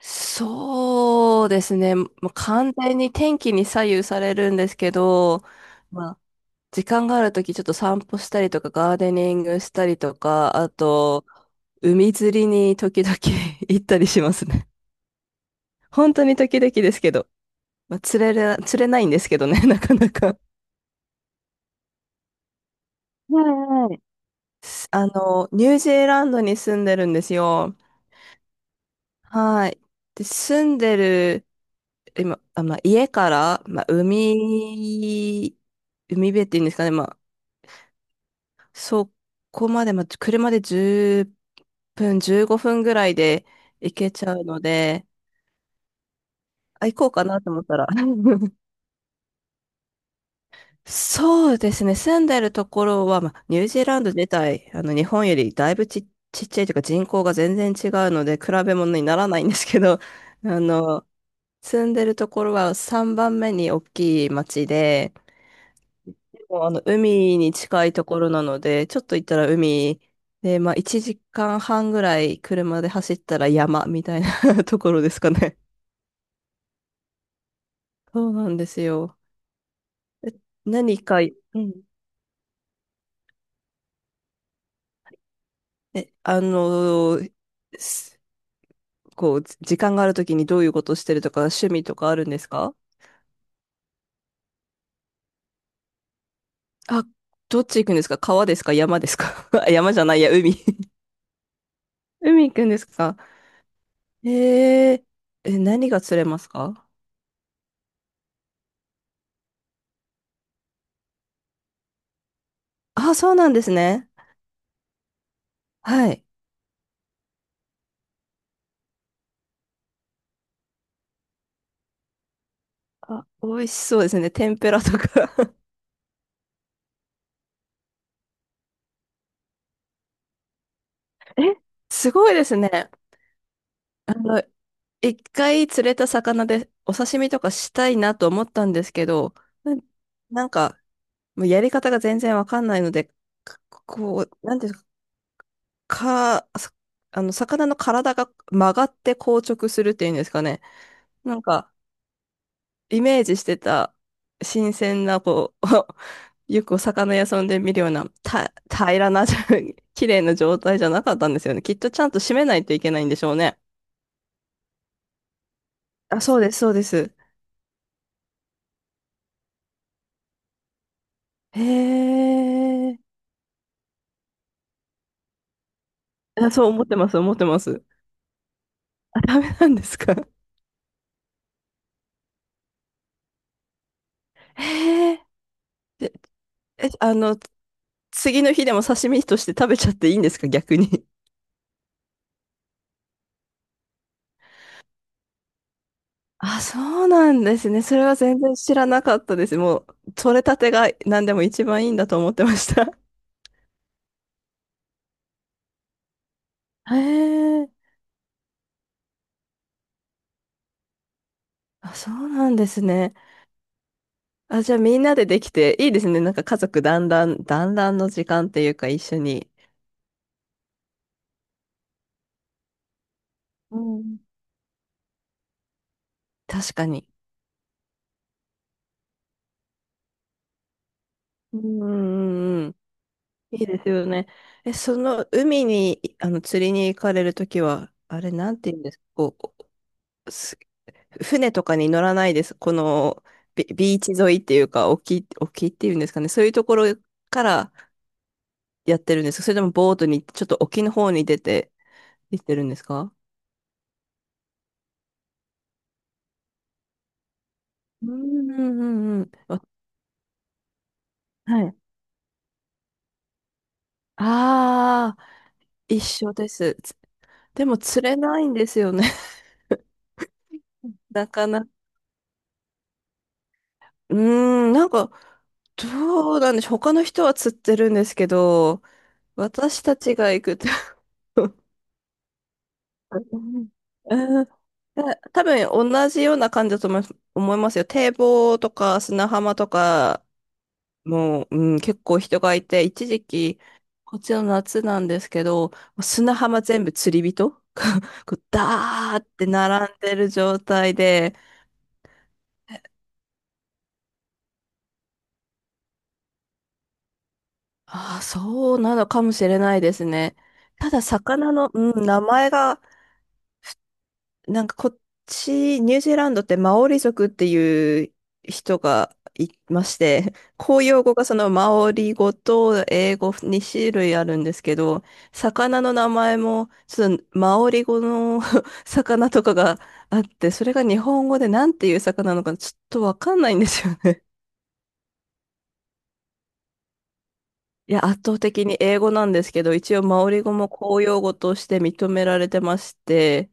そうですね。もう完全に天気に左右されるんですけど、まあ、時間があるときちょっと散歩したりとか、ガーデニングしたりとか、あと、海釣りに時々 行ったりしますね。本当に時々ですけど、釣れないんですけどね、なかなか。はいはい。ニュージーランドに住んでるんですよ。はい。で、住んでる今、家から、海辺っていうんですかね、そこまで、車で10分、15分ぐらいで行けちゃうので、あ、行こうかなと思ったら。そうですね、住んでるところは、ニュージーランド自体、日本よりだいぶち、ちっちゃいというか人口が全然違うので、比べ物にならないんですけど、あの、住んでるところは3番目に大きい町で、もう海に近いところなので、ちょっと行ったら海で、1時間半ぐらい車で走ったら山みたいな ところですかね。そうなんですよ。え、何か、うん。え、あのーすこう、時間があるときにどういうことしてるとか、趣味とかあるんですか？あ、どっち行くんですか？川ですか？山ですか？ あ、山じゃないや、海。 海行くんですか？えー、何が釣れますか？あ、そうなんですね。はい。あ、美味しそうですね。天ぷらとか。 えすごいですね。あの、一回釣れた魚でお刺身とかしたいなと思ったんですけど、ななんか、もうやり方が全然わかんないので、かこう、なんていうんですか、魚の体が曲がって硬直するっていうんですかね。なんか、イメージしてた新鮮な、こう、よくお魚屋さんで見るような、平らな、綺麗な状態じゃなかったんですよね。きっとちゃんと締めないといけないんでしょうね。あ、そうです、そうです。へえ。あ、そう思ってます、思ってます。あ、ダメなんですか？へえ。で、え、あの、次の日でも刺身として食べちゃっていいんですか、逆に？あ、そうなんですね。それは全然知らなかったです。もう、取れたてが何でも一番いいんだと思ってました。へえ、あ、そうなんですね。あ、じゃあみんなでできていいですね。なんか家族団らんの時間っていうか一緒に。うん。確かに。うんうんうんうん。いいですよね。その海に、釣りに行かれるときは、あれ、なんて言うんですか、こう、船とかに乗らないです？このビーチ沿いっていうか、沖っていうんですかね。そういうところからやってるんですか？それともボートに、ちょっと沖の方に出て行ってるんですか？うんうんうんうん。はい。ああ、一緒です。でも釣れないんですよね。なかなか。うーん、なんか、どうなんでしょう。他の人は釣ってるんですけど、私たちが行くと。 うん、多分同じような感じだと思いますよ。堤防とか砂浜とか、もう、うん、結構人がいて、一時期、こっちの夏なんですけど、もう砂浜全部釣り人が こうダーって並んでる状態で。ああ、そうなのかもしれないですね。ただ、魚の、うん、名前がなんかこっち、ニュージーランドってマオリ族っていう人がいまして、公用語がそのマオリ語と英語2種類あるんですけど、魚の名前もちょっとマオリ語の 魚とかがあって、それが日本語でなんていう魚なのかちょっとわかんないんですよね。いや、圧倒的に英語なんですけど、一応マオリ語も公用語として認められてまして、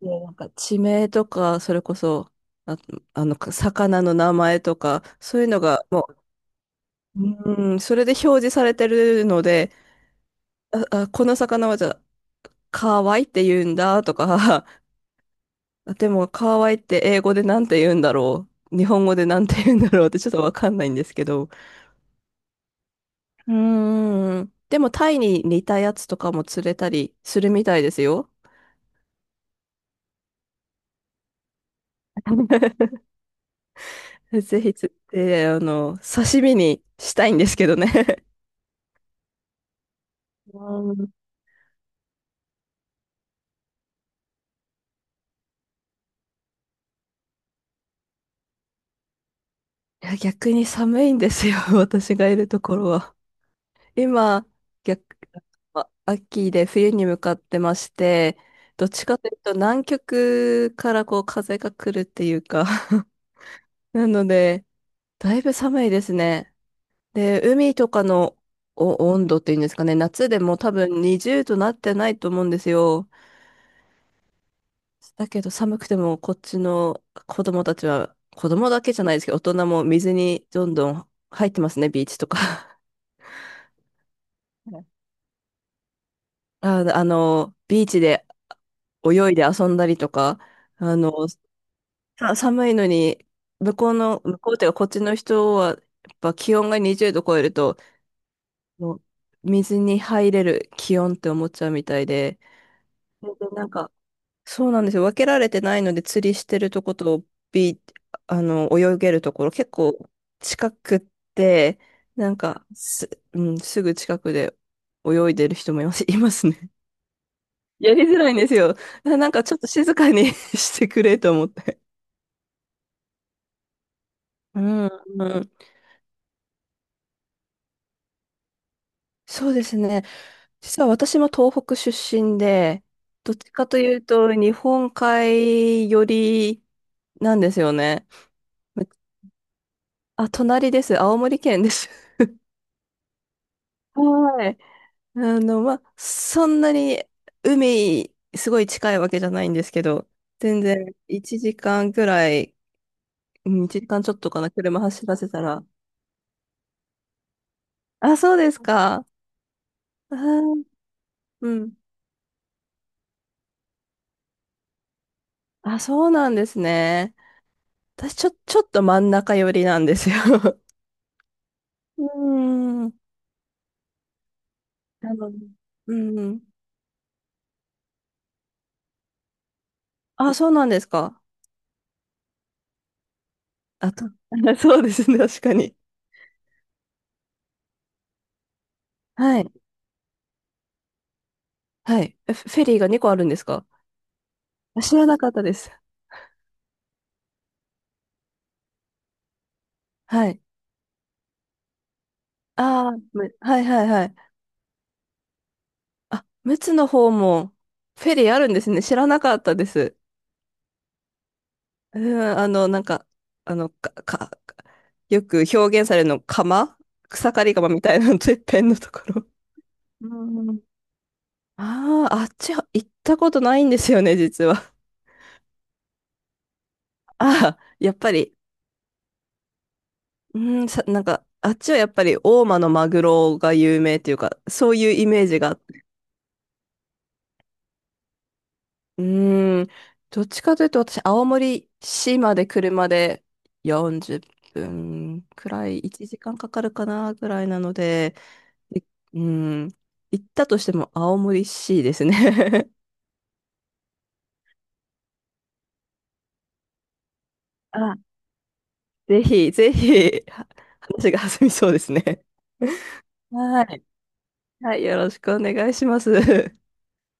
もうなんか地名とか、それこそ、あ、魚の名前とか、そういうのが、もう、うん、それで表示されてるので、あ、この魚はじゃあ、カワイって言うんだとか。あ、でもカワイって英語でなんて言うんだろう、日本語でなんて言うんだろうってちょっとわかんないんですけど。うん、でもタイに似たやつとかも釣れたりするみたいですよ。ぜひ釣って、刺身にしたいんですけどね。うん、いや、逆に寒いんですよ、私がいるところは。今、逆、秋で冬に向かってまして、どっちかというと南極からこう風が来るっていうか。 なので、だいぶ寒いですね。で、海とかのお温度っていうんですかね、夏でも多分20度なってないと思うんですよ。だけど寒くてもこっちの子供たちは、子供だけじゃないですけど、大人も水にどんどん入ってますね、ビーチとか。ビーチで泳いで遊んだりとか、あの、寒いのに、向こうっていうかこっちの人は、やっぱ気温が20度超えると、もう水に入れる気温って思っちゃうみたいで。で、なんか、そうなんですよ。分けられてないので、釣りしてるとこと、ビー、泳げるところ、結構近くって、なんかうん、すぐ近くで泳いでる人もいます、いますね。やりづらいんですよ。なんかちょっと静かに してくれと思って。うん、うん。そうですね。実は私も東北出身で、どっちかというと日本海寄りなんですよね。あ、隣です。青森県です。はい。そんなに海、すごい近いわけじゃないんですけど、全然1時間くらい、うん、1時間ちょっとかな、車走らせたら。あ、そうですか。あー、うん。あ、そうなんですね。私、ちょっと真ん中寄りなんですよ。うーん。なので、うん。あ、そうなんですか。あと、そうですね、確かに。はい。はい。フェリーが2個あるんですか？あ、知らなかったです。はい。ああ、はいはいはい。あ、陸奥の方もフェリーあるんですね。知らなかったです。うん、なんか、あの、か、か、よく表現されるの、草刈り釜みたいなの、てっぺんのところ。うん。ああ、あっちは行ったことないんですよね、実は。ああ、やっぱり、うん、なんか、あっちはやっぱり大間のマグロが有名っていうか、そういうイメージが。うん、どっちかというと私、青森市まで車で40分くらい、1時間かかるかな、ぐらいなので、いうん、行ったとしても青森市ですね。あ、ぜひ、ぜひ、話が弾みそうですね。はい。はい、よろしくお願いします。